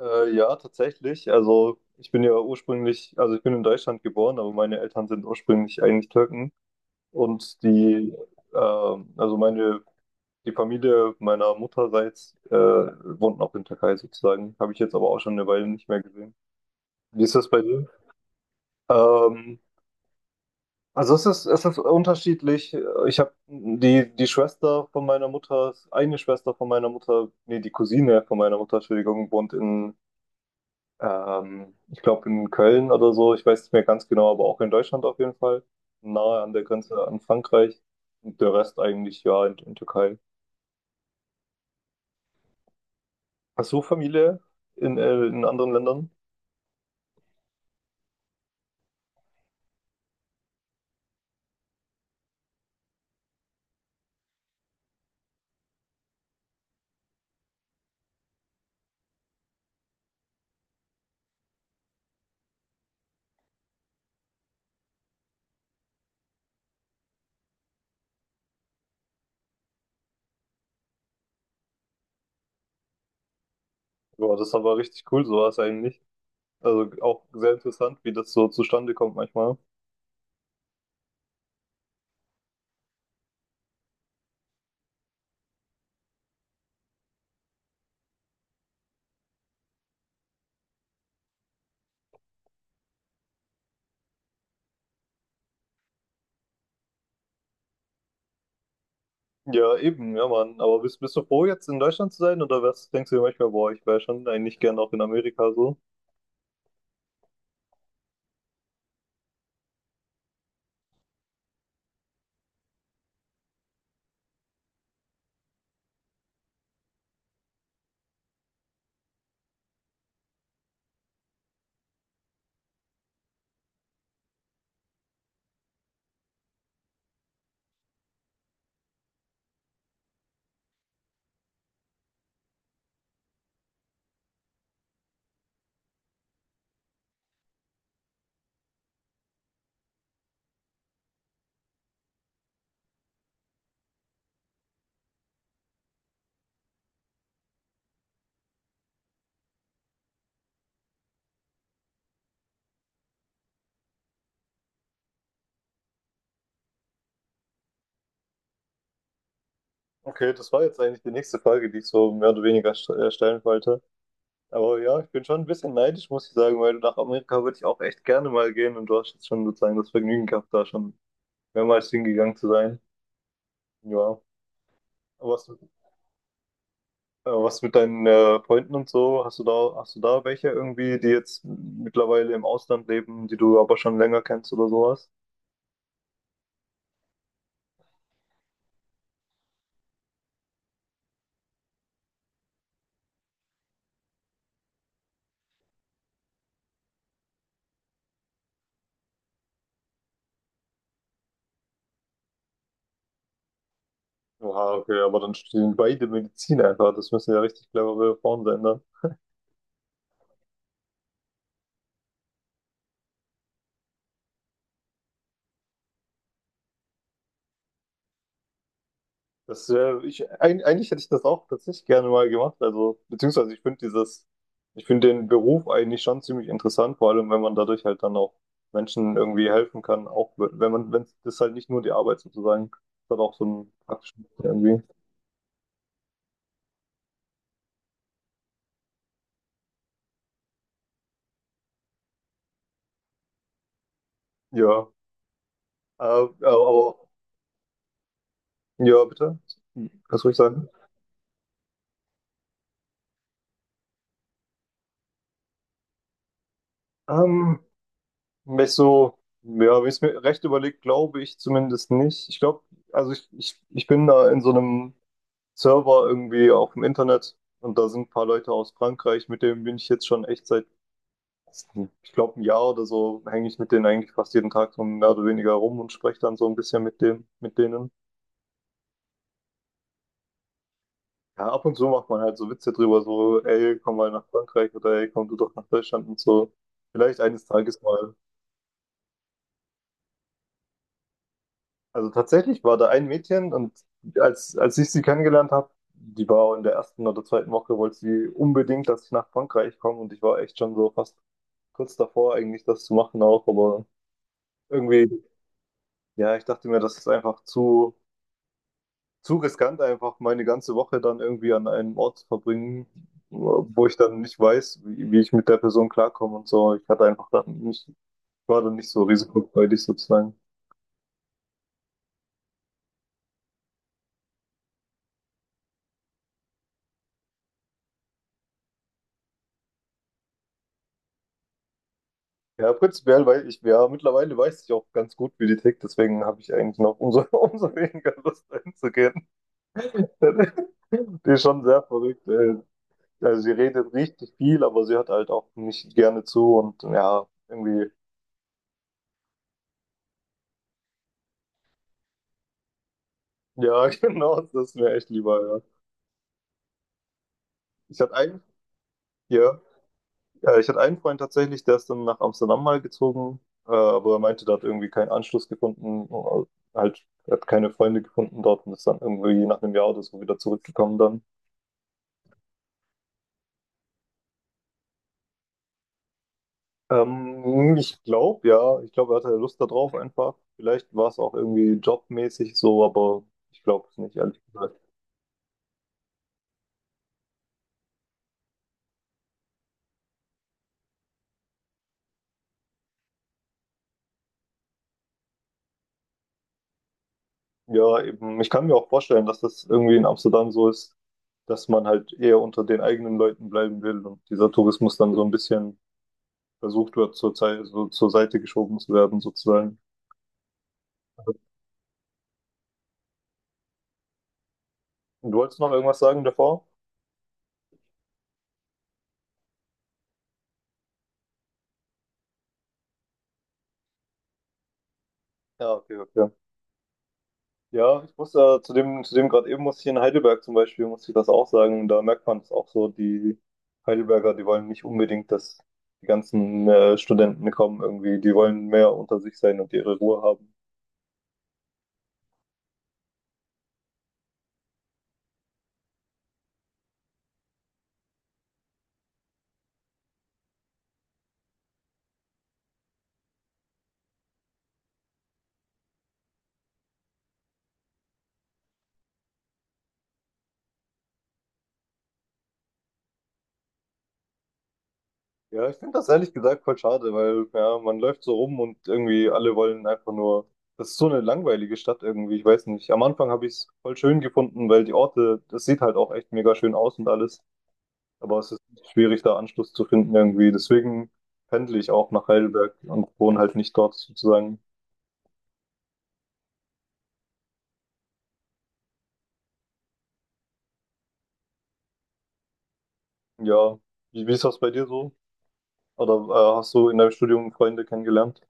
Ja, tatsächlich. Also ich bin ja ursprünglich, also ich bin in Deutschland geboren, aber meine Eltern sind ursprünglich eigentlich Türken. Und die, also meine, die Familie meiner Mutterseits wohnt auch in Türkei sozusagen. Habe ich jetzt aber auch schon eine Weile nicht mehr gesehen. Wie ist das bei dir? Ähm, also es ist unterschiedlich. Ich habe die Schwester von meiner Mutter, eine Schwester von meiner Mutter, nee, die Cousine von meiner Mutter, Entschuldigung, wohnt in ich glaube in Köln oder so, ich weiß nicht mehr ganz genau, aber auch in Deutschland auf jeden Fall. Nahe an der Grenze an Frankreich. Und der Rest eigentlich ja in Türkei. Hast du Familie in anderen Ländern? Boah, das ist aber richtig cool, sowas eigentlich. Also auch sehr interessant, wie das so zustande kommt manchmal. Ja, eben, ja, Mann. Aber bist du froh, jetzt in Deutschland zu sein? Oder was denkst du dir manchmal, boah, ich wäre schon eigentlich gern auch in Amerika so? Okay, das war jetzt eigentlich die nächste Frage, die ich so mehr oder weniger stellen wollte. Aber ja, ich bin schon ein bisschen neidisch, muss ich sagen, weil nach Amerika würde ich auch echt gerne mal gehen und du hast jetzt schon sozusagen das Vergnügen gehabt, da schon mehrmals hingegangen zu sein. Ja. Aber was was mit deinen Freunden und so? Hast du da welche irgendwie, die jetzt mittlerweile im Ausland leben, die du aber schon länger kennst oder sowas? Oha, okay, aber dann studieren beide Medizin einfach. Das müssen ja richtig clevere Frauen sein. Eigentlich hätte ich das auch tatsächlich gerne mal gemacht. Also, beziehungsweise ich finde dieses, ich finde den Beruf eigentlich schon ziemlich interessant, vor allem wenn man dadurch halt dann auch Menschen irgendwie helfen kann, auch wenn man, wenn das halt nicht nur die Arbeit sozusagen, das hat auch so einen praktischen irgendwie. Ja. Aber ja, bitte. Kannst du ruhig sagen? Ähm, Wenn ich so, ja, wenn ich es mir recht überlegt, glaube ich zumindest nicht. Ich glaube, also ich bin da in so einem Server irgendwie auch im Internet. Und da sind ein paar Leute aus Frankreich, mit denen bin ich jetzt schon echt seit, ich glaube, ein Jahr oder so, hänge ich mit denen eigentlich fast jeden Tag so mehr oder weniger rum und spreche dann so ein bisschen mit dem, mit denen. Ja, ab und zu macht man halt so Witze drüber, so, ey, komm mal nach Frankreich oder ey, komm du doch nach Deutschland und so. Vielleicht eines Tages mal. Also tatsächlich war da ein Mädchen und als ich sie kennengelernt habe, die war in der ersten oder zweiten Woche, wollte sie unbedingt, dass ich nach Frankreich komme und ich war echt schon so fast kurz davor, eigentlich das zu machen auch, aber irgendwie, ja, ich dachte mir, das ist einfach zu riskant, einfach meine ganze Woche dann irgendwie an einem Ort zu verbringen, wo ich dann nicht weiß, wie ich mit der Person klarkomme und so. Ich hatte einfach dann nicht, war dann nicht so risikofreudig sozusagen. Ja, prinzipiell, weil ich ja mittlerweile weiß ich auch ganz gut, wie die tickt, deswegen habe ich eigentlich noch umso, umso weniger Lust einzugehen. Die ist schon sehr verrückt, ey. Also sie redet richtig viel, aber sie hört halt auch nicht gerne zu und ja, irgendwie, ja, genau, das ist mir echt lieber, ja. Ich hatte einen, ja, ja, ich hatte einen Freund tatsächlich, der ist dann nach Amsterdam mal gezogen, aber er meinte, der hat irgendwie keinen Anschluss gefunden, halt, er hat keine Freunde gefunden dort und ist dann irgendwie nach einem Jahr oder so wieder zurückgekommen dann. Ich glaube ja, ich glaube, er hatte Lust darauf einfach. Vielleicht war es auch irgendwie jobmäßig so, aber ich glaube es nicht, ehrlich gesagt. Ja, eben, ich kann mir auch vorstellen, dass das irgendwie in Amsterdam so ist, dass man halt eher unter den eigenen Leuten bleiben will und dieser Tourismus dann so ein bisschen versucht wird, zur Zeit, so zur Seite geschoben zu werden, sozusagen. Und du wolltest noch irgendwas sagen davor? Ja, okay, okay. Ja, ich muss ja zu dem gerade eben muss ich in Heidelberg zum Beispiel, muss ich das auch sagen. Da merkt man es auch so, die Heidelberger, die wollen nicht unbedingt, dass die ganzen Studenten kommen irgendwie. Die wollen mehr unter sich sein und ihre Ruhe haben. Ja, ich finde das ehrlich gesagt voll schade, weil ja, man läuft so rum und irgendwie alle wollen einfach nur. Das ist so eine langweilige Stadt irgendwie, ich weiß nicht. Am Anfang habe ich es voll schön gefunden, weil die Orte, das sieht halt auch echt mega schön aus und alles. Aber es ist schwierig, da Anschluss zu finden irgendwie. Deswegen pendle ich auch nach Heidelberg und wohne halt nicht dort sozusagen. Ja, wie ist das bei dir so? Oder hast du in deinem Studium Freunde kennengelernt?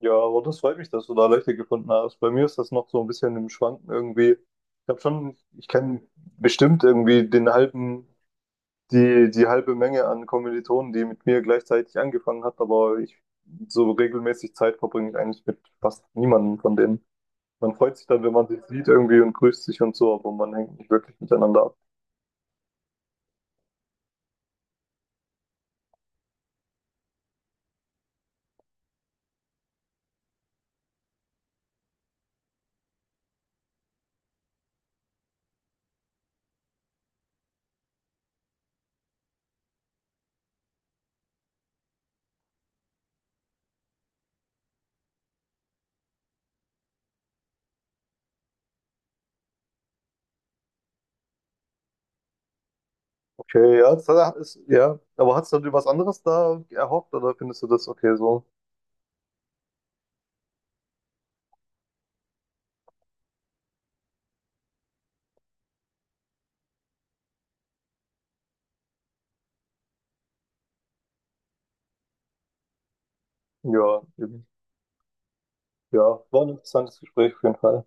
Ja, aber das freut mich, dass du da Leute gefunden hast. Bei mir ist das noch so ein bisschen im Schwanken irgendwie. Ich habe schon, ich kenne bestimmt irgendwie den halben, die halbe Menge an Kommilitonen, die mit mir gleichzeitig angefangen hat, aber ich so regelmäßig Zeit verbringe ich eigentlich mit fast niemandem von denen. Man freut sich dann, wenn man sich sieht irgendwie und grüßt sich und so, aber man hängt nicht wirklich miteinander ab. Okay, ja, das hat- ist, ja. Aber hast du dir was anderes da erhofft oder findest du das okay so? Ja, eben. Ja, war ein interessantes Gespräch auf jeden Fall.